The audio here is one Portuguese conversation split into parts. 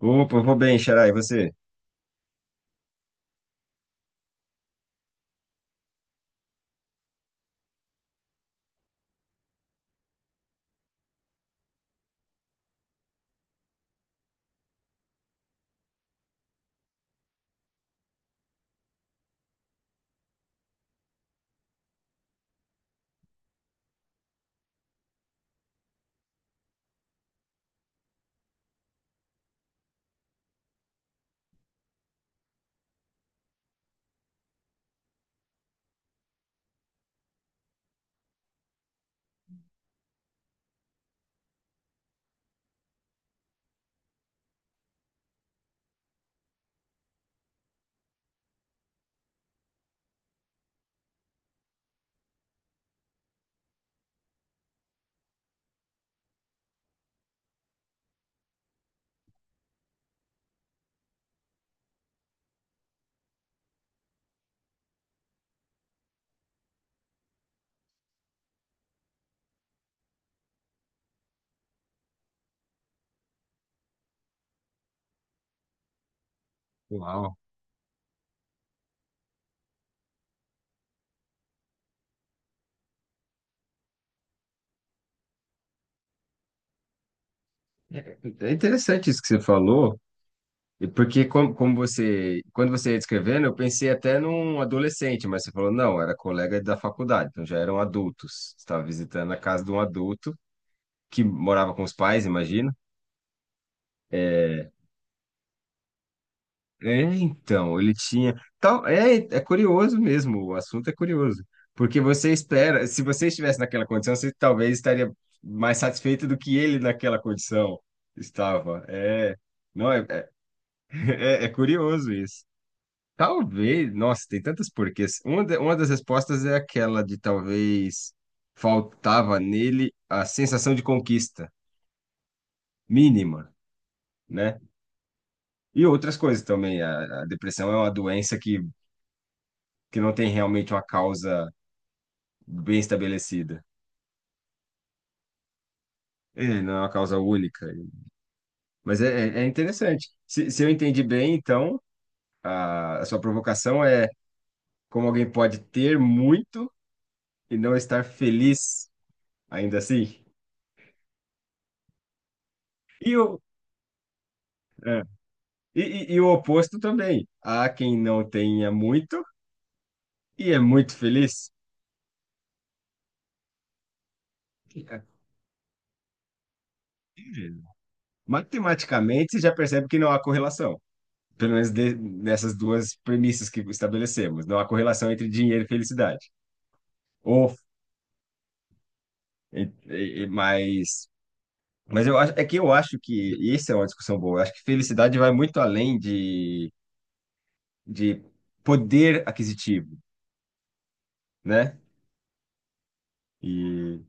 Opa, vou bem, Xará, e você? Uau. É é interessante isso que você falou, e porque como você, quando você ia descrevendo, eu pensei até num adolescente, mas você falou, não, era colega da faculdade, então já eram adultos. Você estava visitando a casa de um adulto que morava com os pais, imagino. É, é, então, ele tinha. Tal, é curioso mesmo, o assunto é curioso. Porque você espera, se você estivesse naquela condição, você talvez estaria mais satisfeito do que ele naquela condição estava. É, não, é, é, é curioso isso. Talvez, nossa, tem tantas porquês. Uma, uma das respostas é aquela de talvez faltava nele a sensação de conquista mínima, né? E outras coisas também. A depressão é uma doença que não tem realmente uma causa bem estabelecida. É, não é uma causa única. Mas é interessante. Se eu entendi bem, então, a sua provocação é como alguém pode ter muito e não estar feliz ainda assim. E o, é. E o oposto também. Há quem não tenha muito e é muito feliz. É. Matematicamente, você já percebe que não há correlação. Pelo menos nessas duas premissas que estabelecemos. Não há correlação entre dinheiro e felicidade. Ou, e- mas eu acho, é que eu acho que, e isso é uma discussão boa, eu acho que felicidade vai muito além de poder aquisitivo, né? E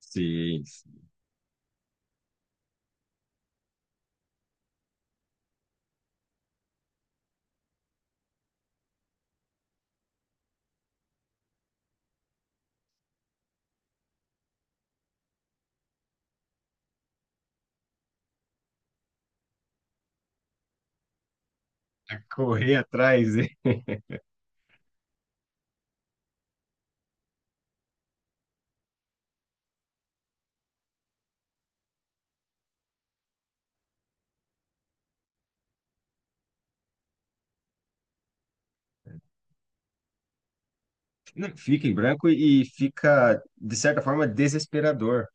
sim se correr atrás. Não, fica em branco e fica, de certa forma, desesperador,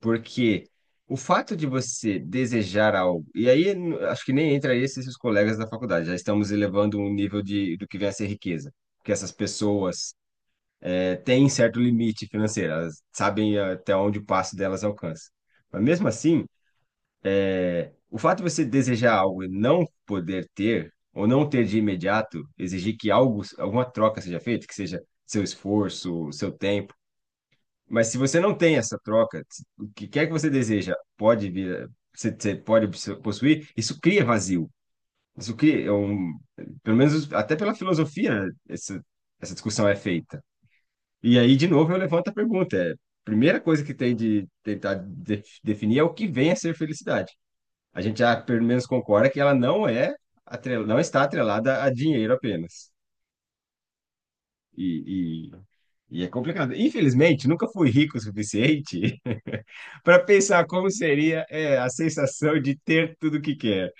porque o fato de você desejar algo, e aí acho que nem entra esses seus colegas da faculdade, já estamos elevando um nível de, do que vem a ser riqueza, porque essas pessoas é, têm certo limite financeiro, elas sabem até onde o passo delas alcança. Mas mesmo assim, o fato de você desejar algo e não poder ter, ou não ter de imediato, exigir que algo, alguma troca seja feita, que seja seu esforço, seu tempo. Mas se você não tem essa troca, o que quer que você deseja pode vir, você pode possuir, isso cria vazio. Isso cria, é um, pelo menos até pela filosofia, né, essa discussão é feita. E aí, de novo, eu levanto a pergunta. É, a primeira coisa que tem de tentar definir é o que vem a ser felicidade. A gente já, pelo menos, concorda que ela não é não está atrelada a dinheiro apenas. E, e é complicado. Infelizmente, nunca fui rico o suficiente para pensar como seria, é, a sensação de ter tudo que quer.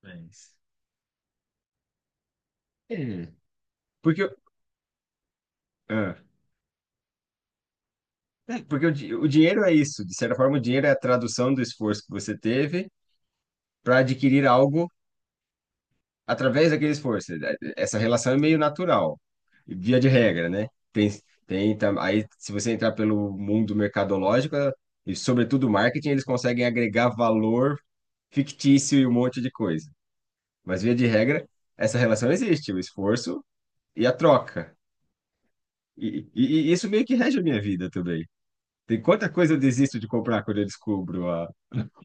Mas, é, porque, eu- ah, é, porque o dinheiro é isso. De certa forma, o dinheiro é a tradução do esforço que você teve para adquirir algo através daquele esforço. Essa relação é meio natural, via de regra, né? Aí, se você entrar pelo mundo mercadológico, e sobretudo marketing, eles conseguem agregar valor fictício e um monte de coisa. Mas, via de regra, essa relação existe, o esforço e a troca. E, e isso meio que rege a minha vida também. Tem quanta coisa eu desisto de comprar quando eu descubro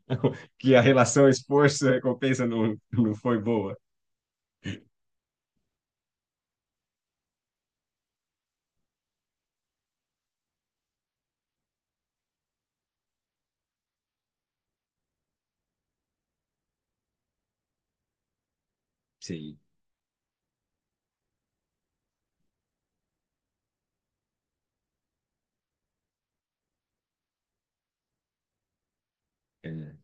que a relação esforço-recompensa não foi boa. Sim, é,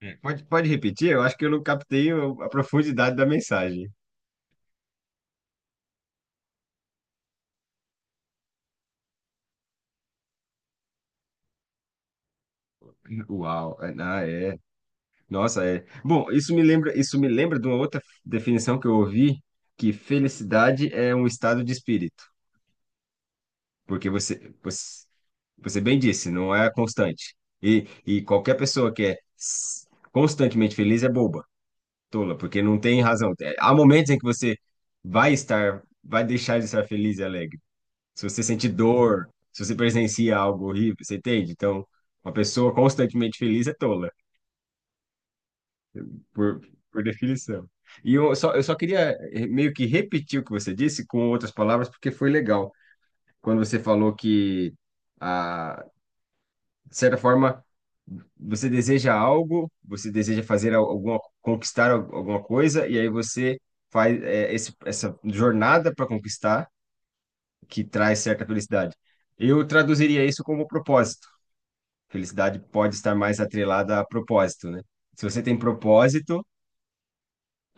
é, pode, pode repetir? Eu acho que eu não captei a profundidade da mensagem. Uau, é. Nossa, é. Bom, isso me lembra de uma outra definição que eu ouvi, que felicidade é um estado de espírito, porque você bem disse, não é constante. E qualquer pessoa que é constantemente feliz é boba, tola, porque não tem razão. É, há momentos em que você vai estar, vai deixar de estar feliz e alegre. Se você sente dor, se você presencia algo horrível, você entende? Então, uma pessoa constantemente feliz é tola, por, por definição. E eu só queria meio que repetir o que você disse com outras palavras, porque foi legal. Quando você falou que, ah, de certa forma, você deseja algo, você deseja fazer alguma, conquistar alguma coisa, e aí você faz essa jornada para conquistar, que traz certa felicidade. Eu traduziria isso como propósito. Felicidade pode estar mais atrelada a propósito, né? Se você tem propósito,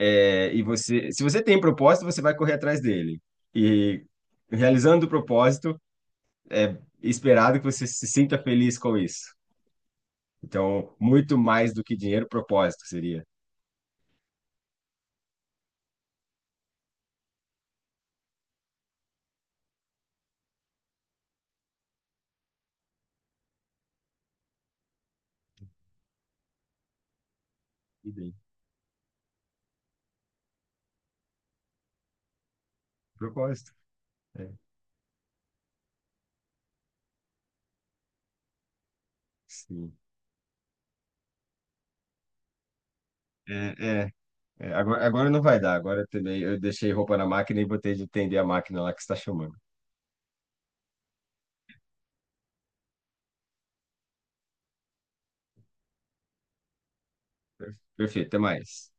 se você tem propósito, você vai correr atrás dele. E realizando o propósito, esperado que você se sinta feliz com isso. Então, muito mais do que dinheiro, propósito seria. E bem, propósito. É, sim. É, é, agora não vai dar. Agora também eu deixei roupa na máquina e botei de atender a máquina lá que está chamando. Perfeito, até mais.